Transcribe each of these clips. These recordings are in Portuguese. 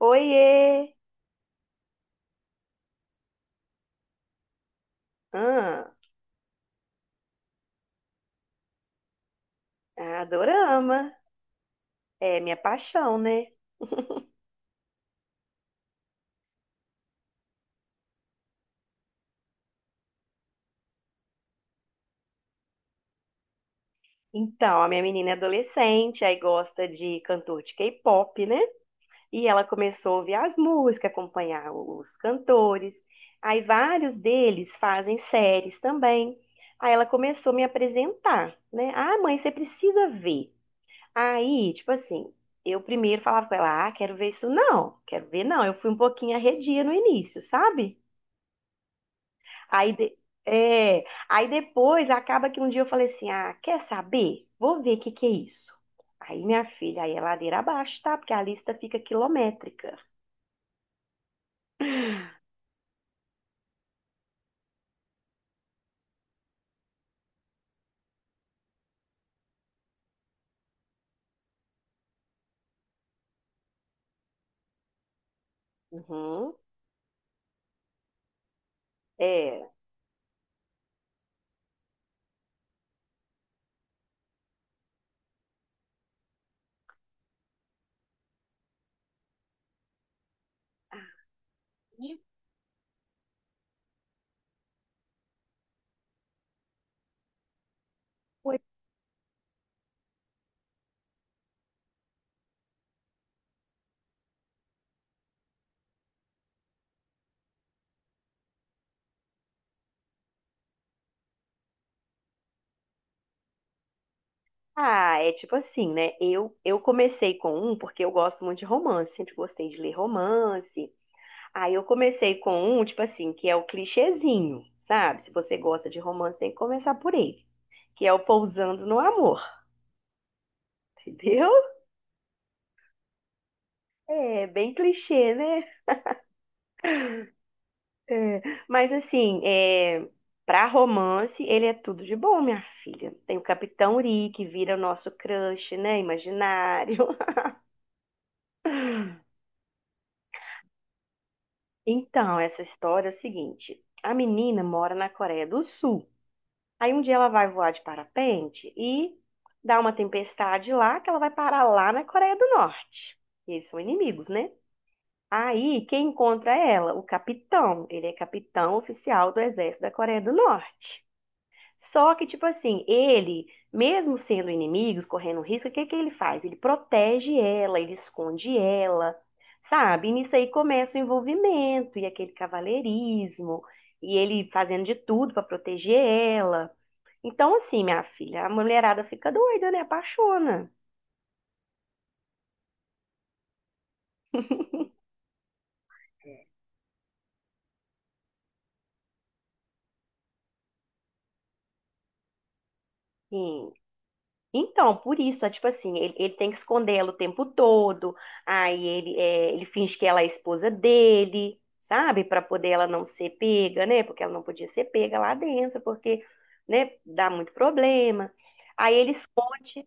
Oiê! Ah, adorama. É minha paixão, né? Então, a minha menina é adolescente, aí gosta de cantor de K-pop, né? E ela começou a ouvir as músicas, acompanhar os cantores. Aí vários deles fazem séries também. Aí ela começou a me apresentar, né? Ah, mãe, você precisa ver. Aí, tipo assim, eu primeiro falava com ela, ah, quero ver isso não, quero ver não. Eu fui um pouquinho arredia no início, sabe? Aí, de- é, aí depois acaba que um dia eu falei assim: ah, quer saber? Vou ver o que que é isso. Aí, minha filha, aí é ladeira abaixo, tá? Porque a lista fica quilométrica. Uhum. É. E foi- Ah, é tipo assim, né? Eu comecei com um porque eu gosto muito de romance, sempre gostei de ler romance. Aí eu comecei com um, tipo assim, que é o clichêzinho, sabe? Se você gosta de romance, tem que começar por ele, que é o Pousando no Amor, entendeu? É bem clichê, né? É, mas assim, é, para romance, ele é tudo de bom, minha filha. Tem o Capitão Uri, que vira o nosso crush, né? Imaginário. Então, essa história é o seguinte: a menina mora na Coreia do Sul. Aí um dia ela vai voar de parapente e dá uma tempestade lá, que ela vai parar lá na Coreia do Norte. E eles são inimigos, né? Aí, quem encontra ela? O capitão. Ele é capitão oficial do exército da Coreia do Norte. Só que, tipo assim, ele, mesmo sendo inimigos, correndo um risco, o que que ele faz? Ele protege ela, ele esconde ela, sabe? E nisso aí começa o envolvimento e aquele cavalheirismo, e ele fazendo de tudo pra proteger ela. Então, assim, minha filha, a mulherada fica doida, né? Apaixona. É. E Então, por isso, é tipo assim, ele tem que esconder ela o tempo todo, aí ele, é, ele finge que ela é a esposa dele, sabe? Pra poder ela não ser pega, né? Porque ela não podia ser pega lá dentro, porque, né, dá muito problema. Aí ele esconde,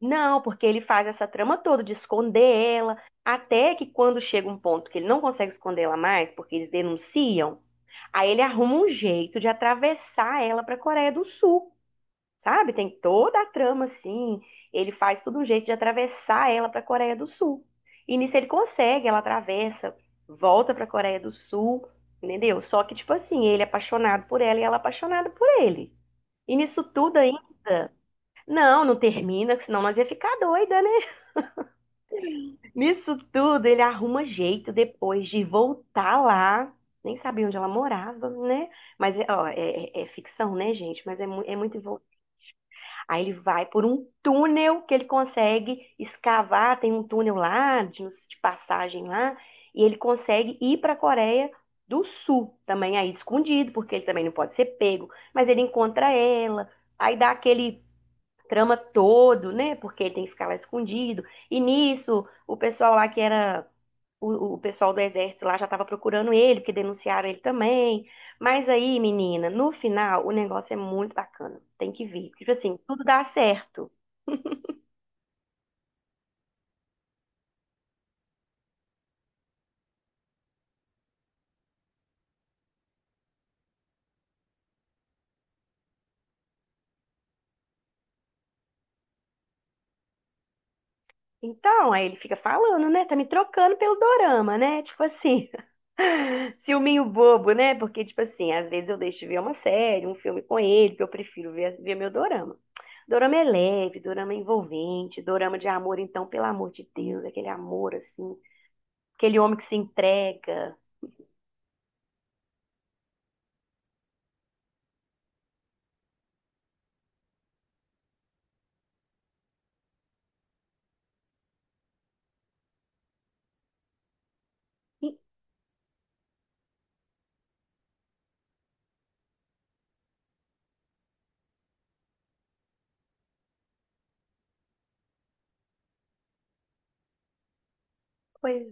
não, porque ele faz essa trama toda de esconder ela, até que quando chega um ponto que ele não consegue esconder ela mais, porque eles denunciam, aí ele arruma um jeito de atravessar ela pra Coreia do Sul sabe? Tem toda a trama assim. Ele faz todo um jeito de atravessar ela para a Coreia do Sul. E nisso ele consegue, ela atravessa, volta para a Coreia do Sul, entendeu? Só que tipo assim, ele é apaixonado por ela e ela é apaixonada por ele. E nisso tudo ainda, não, não termina, que senão nós ia ficar doida, né? Nisso tudo ele arruma jeito depois de voltar lá. Nem sabia onde ela morava, né? Mas, ó, é, é ficção, né, gente? Mas é, é muito Aí ele vai por um túnel que ele consegue escavar, tem um túnel lá de passagem lá, e ele consegue ir para a Coreia do Sul, também aí escondido, porque ele também não pode ser pego, mas ele encontra ela, aí dá aquele trama todo, né? Porque ele tem que ficar lá escondido. E nisso, o pessoal lá que era o pessoal do exército lá já estava procurando ele, porque denunciaram ele também. Mas aí, menina, no final, o negócio é muito bacana. Tem que ver. Tipo assim, tudo dá certo. Então, aí ele fica falando, né? Tá me trocando pelo dorama, né? Tipo assim, ciúminho bobo, né? Porque, tipo assim, às vezes eu deixo de ver uma série, um filme com ele, que eu prefiro ver meu dorama. Dorama é leve, dorama é envolvente, dorama de amor, então, pelo amor de Deus, aquele amor, assim, aquele homem que se entrega. E, pois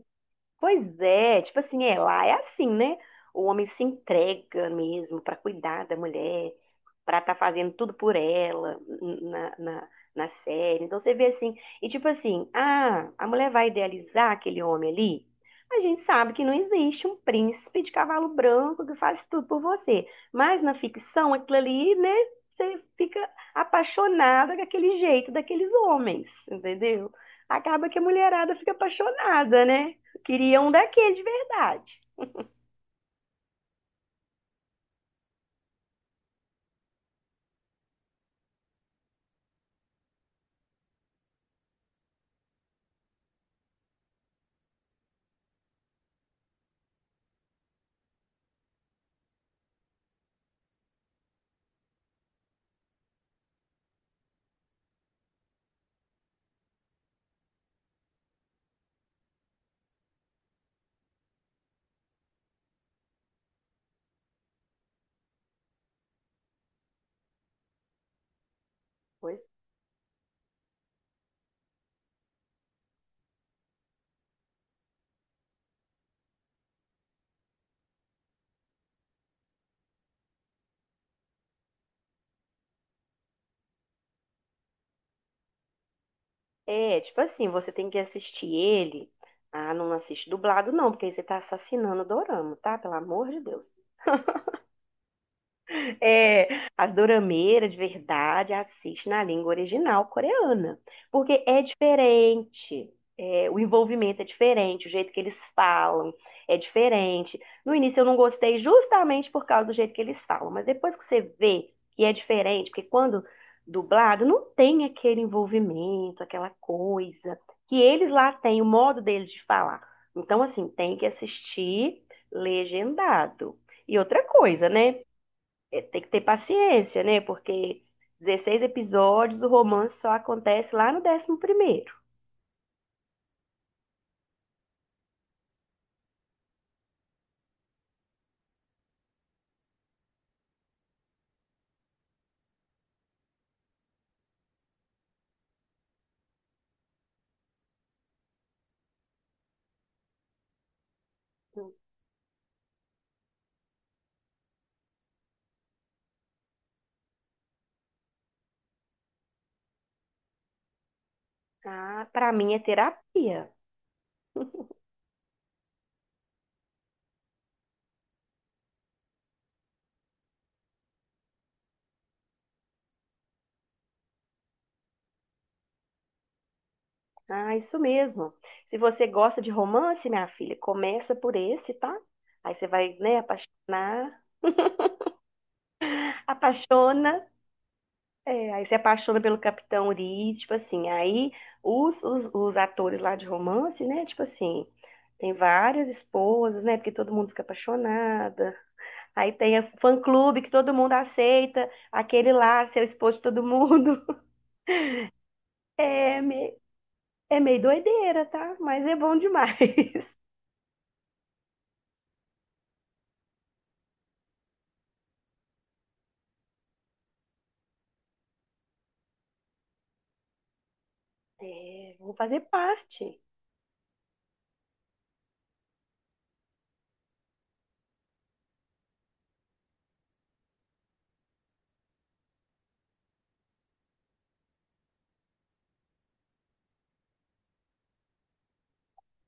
Pois é, tipo assim, é, lá é assim, né? O homem se entrega mesmo para cuidar da mulher, para estar fazendo tudo por ela na série. Então você vê assim, e tipo assim, ah, a mulher vai idealizar aquele homem ali? A gente sabe que não existe um príncipe de cavalo branco que faz tudo por você. Mas na ficção, aquilo ali, né? Você fica apaixonada com aquele jeito daqueles homens, entendeu? Acaba que a mulherada fica apaixonada, né? Queria um daquele de verdade. Pois é, tipo assim, você tem que assistir ele. Ah, não assiste dublado, não, porque aí você tá assassinando o dorama, tá? Pelo amor de Deus. É, as dorameiras de verdade assiste na língua original coreana, porque é diferente, é, o envolvimento é diferente, o jeito que eles falam é diferente. No início eu não gostei justamente por causa do jeito que eles falam, mas depois que você vê que é diferente, porque quando dublado não tem aquele envolvimento, aquela coisa que eles lá têm, o modo deles de falar. Então, assim, tem que assistir legendado. E outra coisa, né? É, tem que ter paciência, né? Porque 16 episódios, o romance só acontece lá no 11º. Ah, para mim é terapia. Ah, isso mesmo. Se você gosta de romance, minha filha, começa por esse, tá? Aí você vai, né, apaixonar, apaixona, é, aí você apaixona pelo Capitão Uri, tipo assim, aí os atores lá de romance, né, tipo assim, tem várias esposas, né, porque todo mundo fica apaixonada. Aí tem a fã-clube que todo mundo aceita, aquele lá, seu esposo de todo mundo. É, me- É meio doideira, tá? Mas é bom demais. É, vou fazer parte.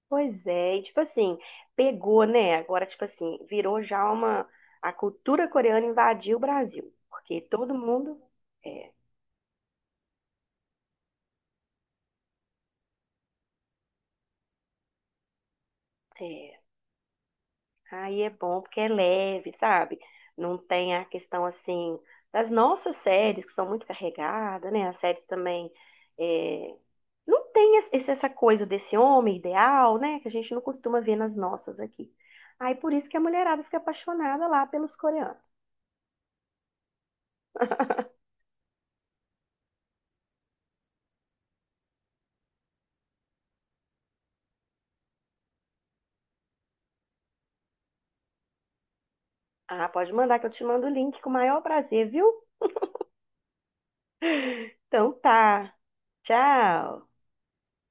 Pois é, e tipo assim, pegou, né? Agora, tipo assim, virou já uma. A cultura coreana invadiu o Brasil. Porque todo mundo. É, é. Aí é bom porque é leve, sabe? Não tem a questão assim das nossas séries, que são muito carregadas, né? As séries também. É, não tem essa coisa desse homem ideal, né? Que a gente não costuma ver nas nossas aqui. Aí por isso que a mulherada fica apaixonada lá pelos coreanos. Ah, pode mandar que eu te mando o link com o maior prazer, viu? Então tá. Tchau.